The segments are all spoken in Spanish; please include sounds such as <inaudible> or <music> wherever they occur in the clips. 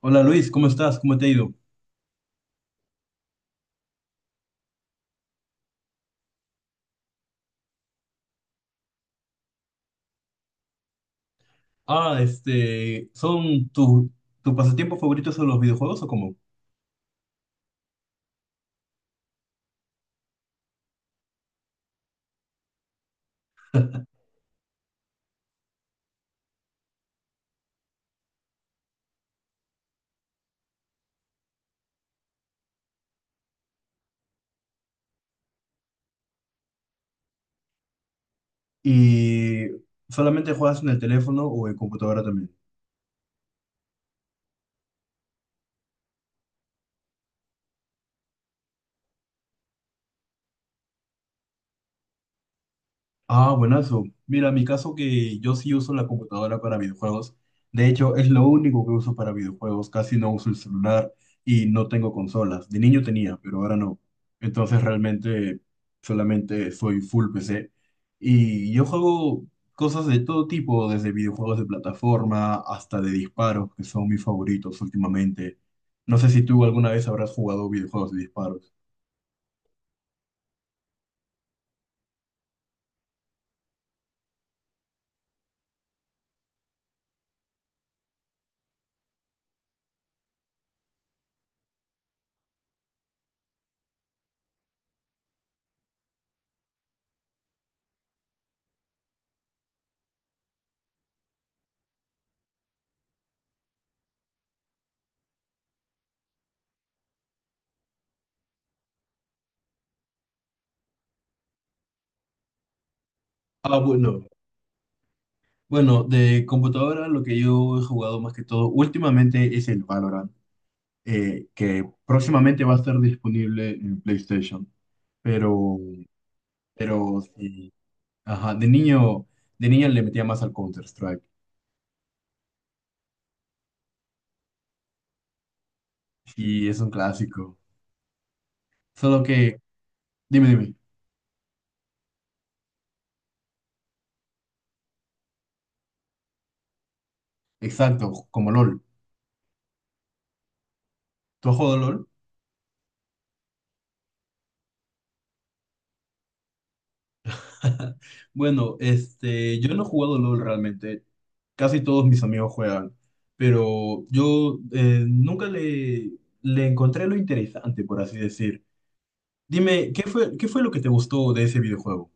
Hola Luis, ¿cómo estás? ¿Cómo te ha ido? ¿Son tus tu pasatiempos favoritos son los videojuegos o cómo? ¿Y solamente juegas en el teléfono o en computadora también? Ah, buenazo. Mira, mi caso que yo sí uso la computadora para videojuegos. De hecho, es lo único que uso para videojuegos. Casi no uso el celular y no tengo consolas. De niño tenía, pero ahora no. Entonces realmente solamente soy full PC. Y yo juego cosas de todo tipo, desde videojuegos de plataforma hasta de disparos, que son mis favoritos últimamente. No sé si tú alguna vez habrás jugado videojuegos de disparos. Ah, bueno. Bueno, de computadora lo que yo he jugado más que todo últimamente es el Valorant, que próximamente va a estar disponible en PlayStation. Pero, pero sí, ajá, de niño le metía más al Counter-Strike. Sí, es un clásico. Solo que, dime, dime, exacto, como LOL. ¿Tú has jugado LOL? <laughs> Bueno, yo no he jugado LOL realmente. Casi todos mis amigos juegan, pero yo nunca le, le encontré lo interesante, por así decir. Dime, ¿qué fue lo que te gustó de ese videojuego?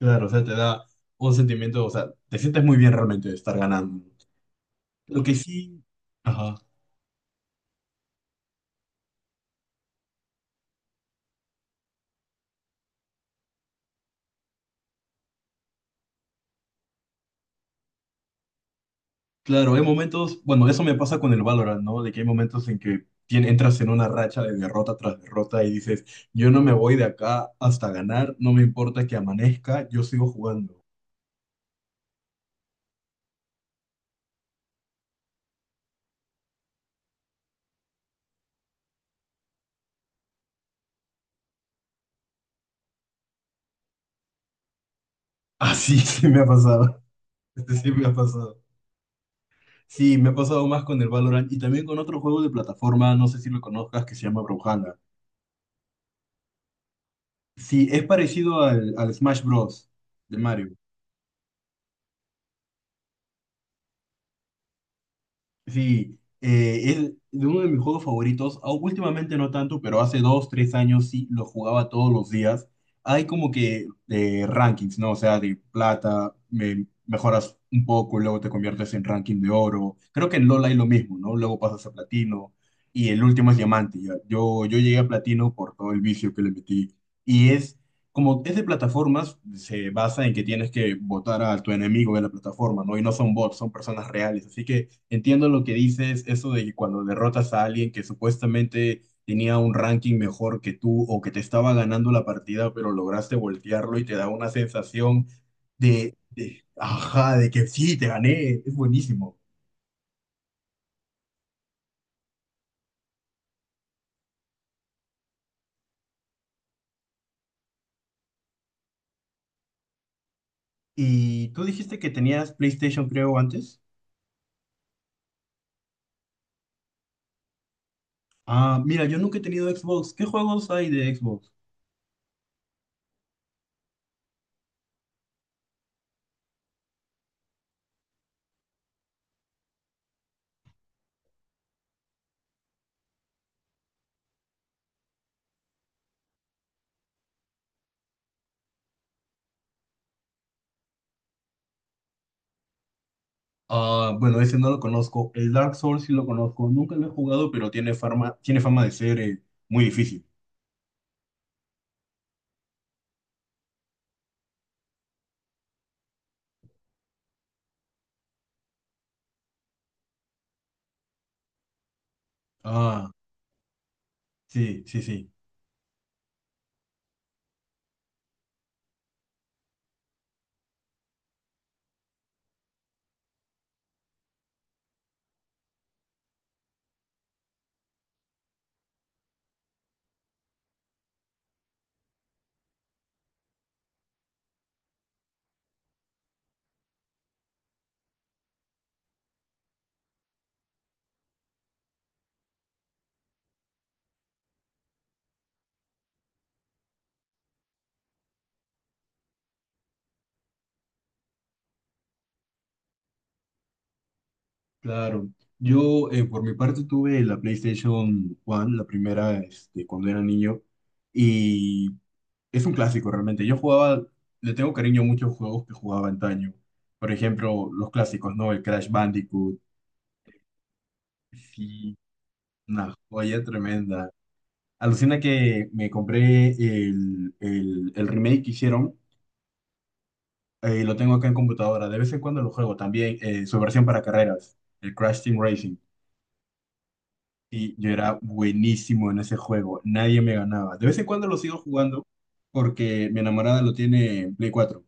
Claro, o sea, te da un sentimiento, o sea, te sientes muy bien realmente de estar ganando. Lo que sí... Ajá. Claro, hay momentos, bueno, eso me pasa con el Valorant, ¿no? De que hay momentos en que entras en una racha de derrota tras derrota y dices, yo no me voy de acá hasta ganar, no me importa que amanezca, yo sigo jugando. Así <laughs> sí me ha pasado, sí me ha pasado. Sí, me ha pasado más con el Valorant y también con otro juego de plataforma, no sé si lo conozcas, que se llama Brawlhalla. Sí, es parecido al Smash Bros. De Mario. Sí, es de uno de mis juegos favoritos. Últimamente no tanto, pero hace dos, tres años sí lo jugaba todos los días. Hay como que rankings, ¿no? O sea, de plata, mejoras un poco, y luego te conviertes en ranking de oro. Creo que en LoL hay lo mismo, ¿no? Luego pasas a platino y el último es diamante. Ya. Yo llegué a platino por todo el vicio que le metí. Y es como es de plataformas, se basa en que tienes que votar a tu enemigo de la plataforma, ¿no? Y no son bots, son personas reales. Así que entiendo lo que dices, eso de que cuando derrotas a alguien que supuestamente tenía un ranking mejor que tú o que te estaba ganando la partida, pero lograste voltearlo y te da una sensación de, ajá, de que sí, te gané, es buenísimo. Y tú dijiste que tenías PlayStation, creo, antes. Ah, mira, yo nunca he tenido Xbox. ¿Qué juegos hay de Xbox? Ah, bueno, ese no lo conozco. El Dark Souls sí lo conozco. Nunca lo he jugado, pero tiene fama de ser muy difícil. Ah, sí, sí, sí. Claro, yo por mi parte tuve la PlayStation 1, la primera este, cuando era niño, y es un clásico realmente. Yo jugaba, le tengo cariño a muchos juegos que jugaba antaño. Por ejemplo, los clásicos, ¿no? El Crash Bandicoot, sí, una joya tremenda. Alucina que me compré el remake que hicieron, lo tengo acá en computadora. De vez en cuando lo juego también, su versión para carreras, el Crash Team Racing. Sí, yo era buenísimo en ese juego, nadie me ganaba. De vez en cuando lo sigo jugando porque mi enamorada lo tiene en Play cuatro.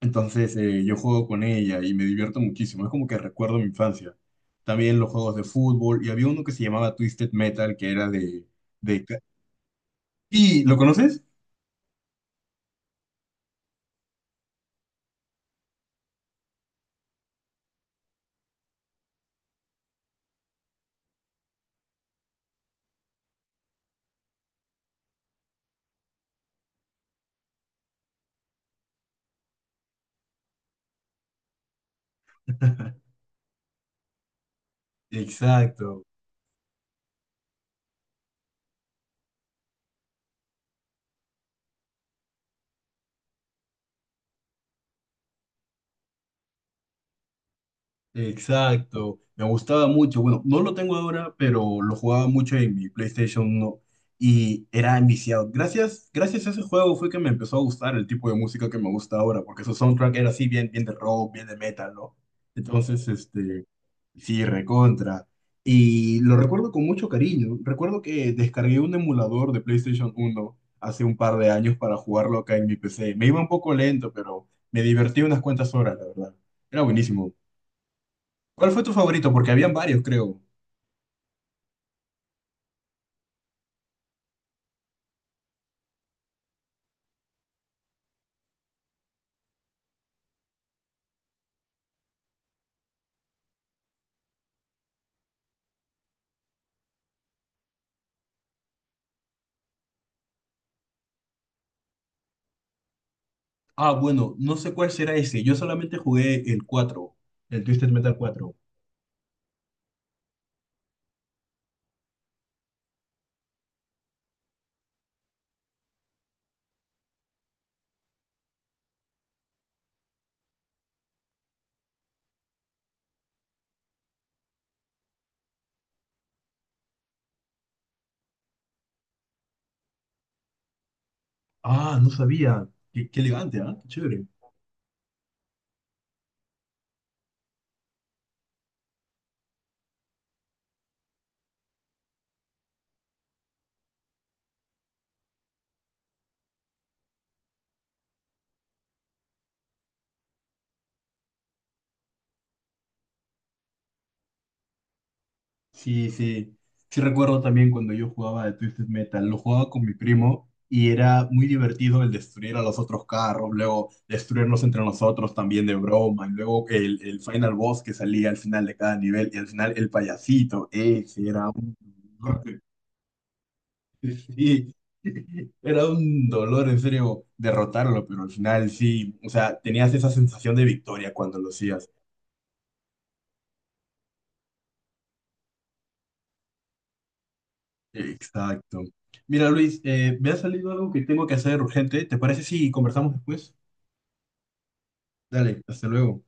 Entonces yo juego con ella y me divierto muchísimo, es como que recuerdo mi infancia. También los juegos de fútbol y había uno que se llamaba Twisted Metal que era de... de... ca- ¿Y lo conoces? Exacto. Exacto, me gustaba mucho. Bueno, no lo tengo ahora, pero lo jugaba mucho en mi PlayStation uno y era enviciado. Gracias, gracias a ese juego fue que me empezó a gustar el tipo de música que me gusta ahora, porque su soundtrack era así bien, bien de rock, bien de metal, ¿no? Entonces, sí, recontra. Y lo recuerdo con mucho cariño. Recuerdo que descargué un emulador de PlayStation uno hace un par de años para jugarlo acá en mi PC. Me iba un poco lento, pero me divertí unas cuantas horas, la verdad. Era buenísimo. ¿Cuál fue tu favorito? Porque habían varios, creo. Ah, bueno, no sé cuál será ese. Yo solamente jugué el cuatro, el Twisted Metal 4. Ah, no sabía. Qué, qué elegante, ¿ah? Qué chévere. Sí, sí. Sí recuerdo también cuando yo jugaba de Twisted Metal. Lo jugaba con mi primo y era muy divertido el destruir a los otros carros, luego destruirnos entre nosotros también de broma, y luego el final boss que salía al final de cada nivel y al final el payasito. Ese era un... Sí, <laughs> era un dolor en serio derrotarlo, pero al final sí, o sea, tenías esa sensación de victoria cuando lo hacías. Exacto. Mira, Luis, me ha salido algo que tengo que hacer urgente. ¿Te parece si conversamos después? Dale, hasta luego.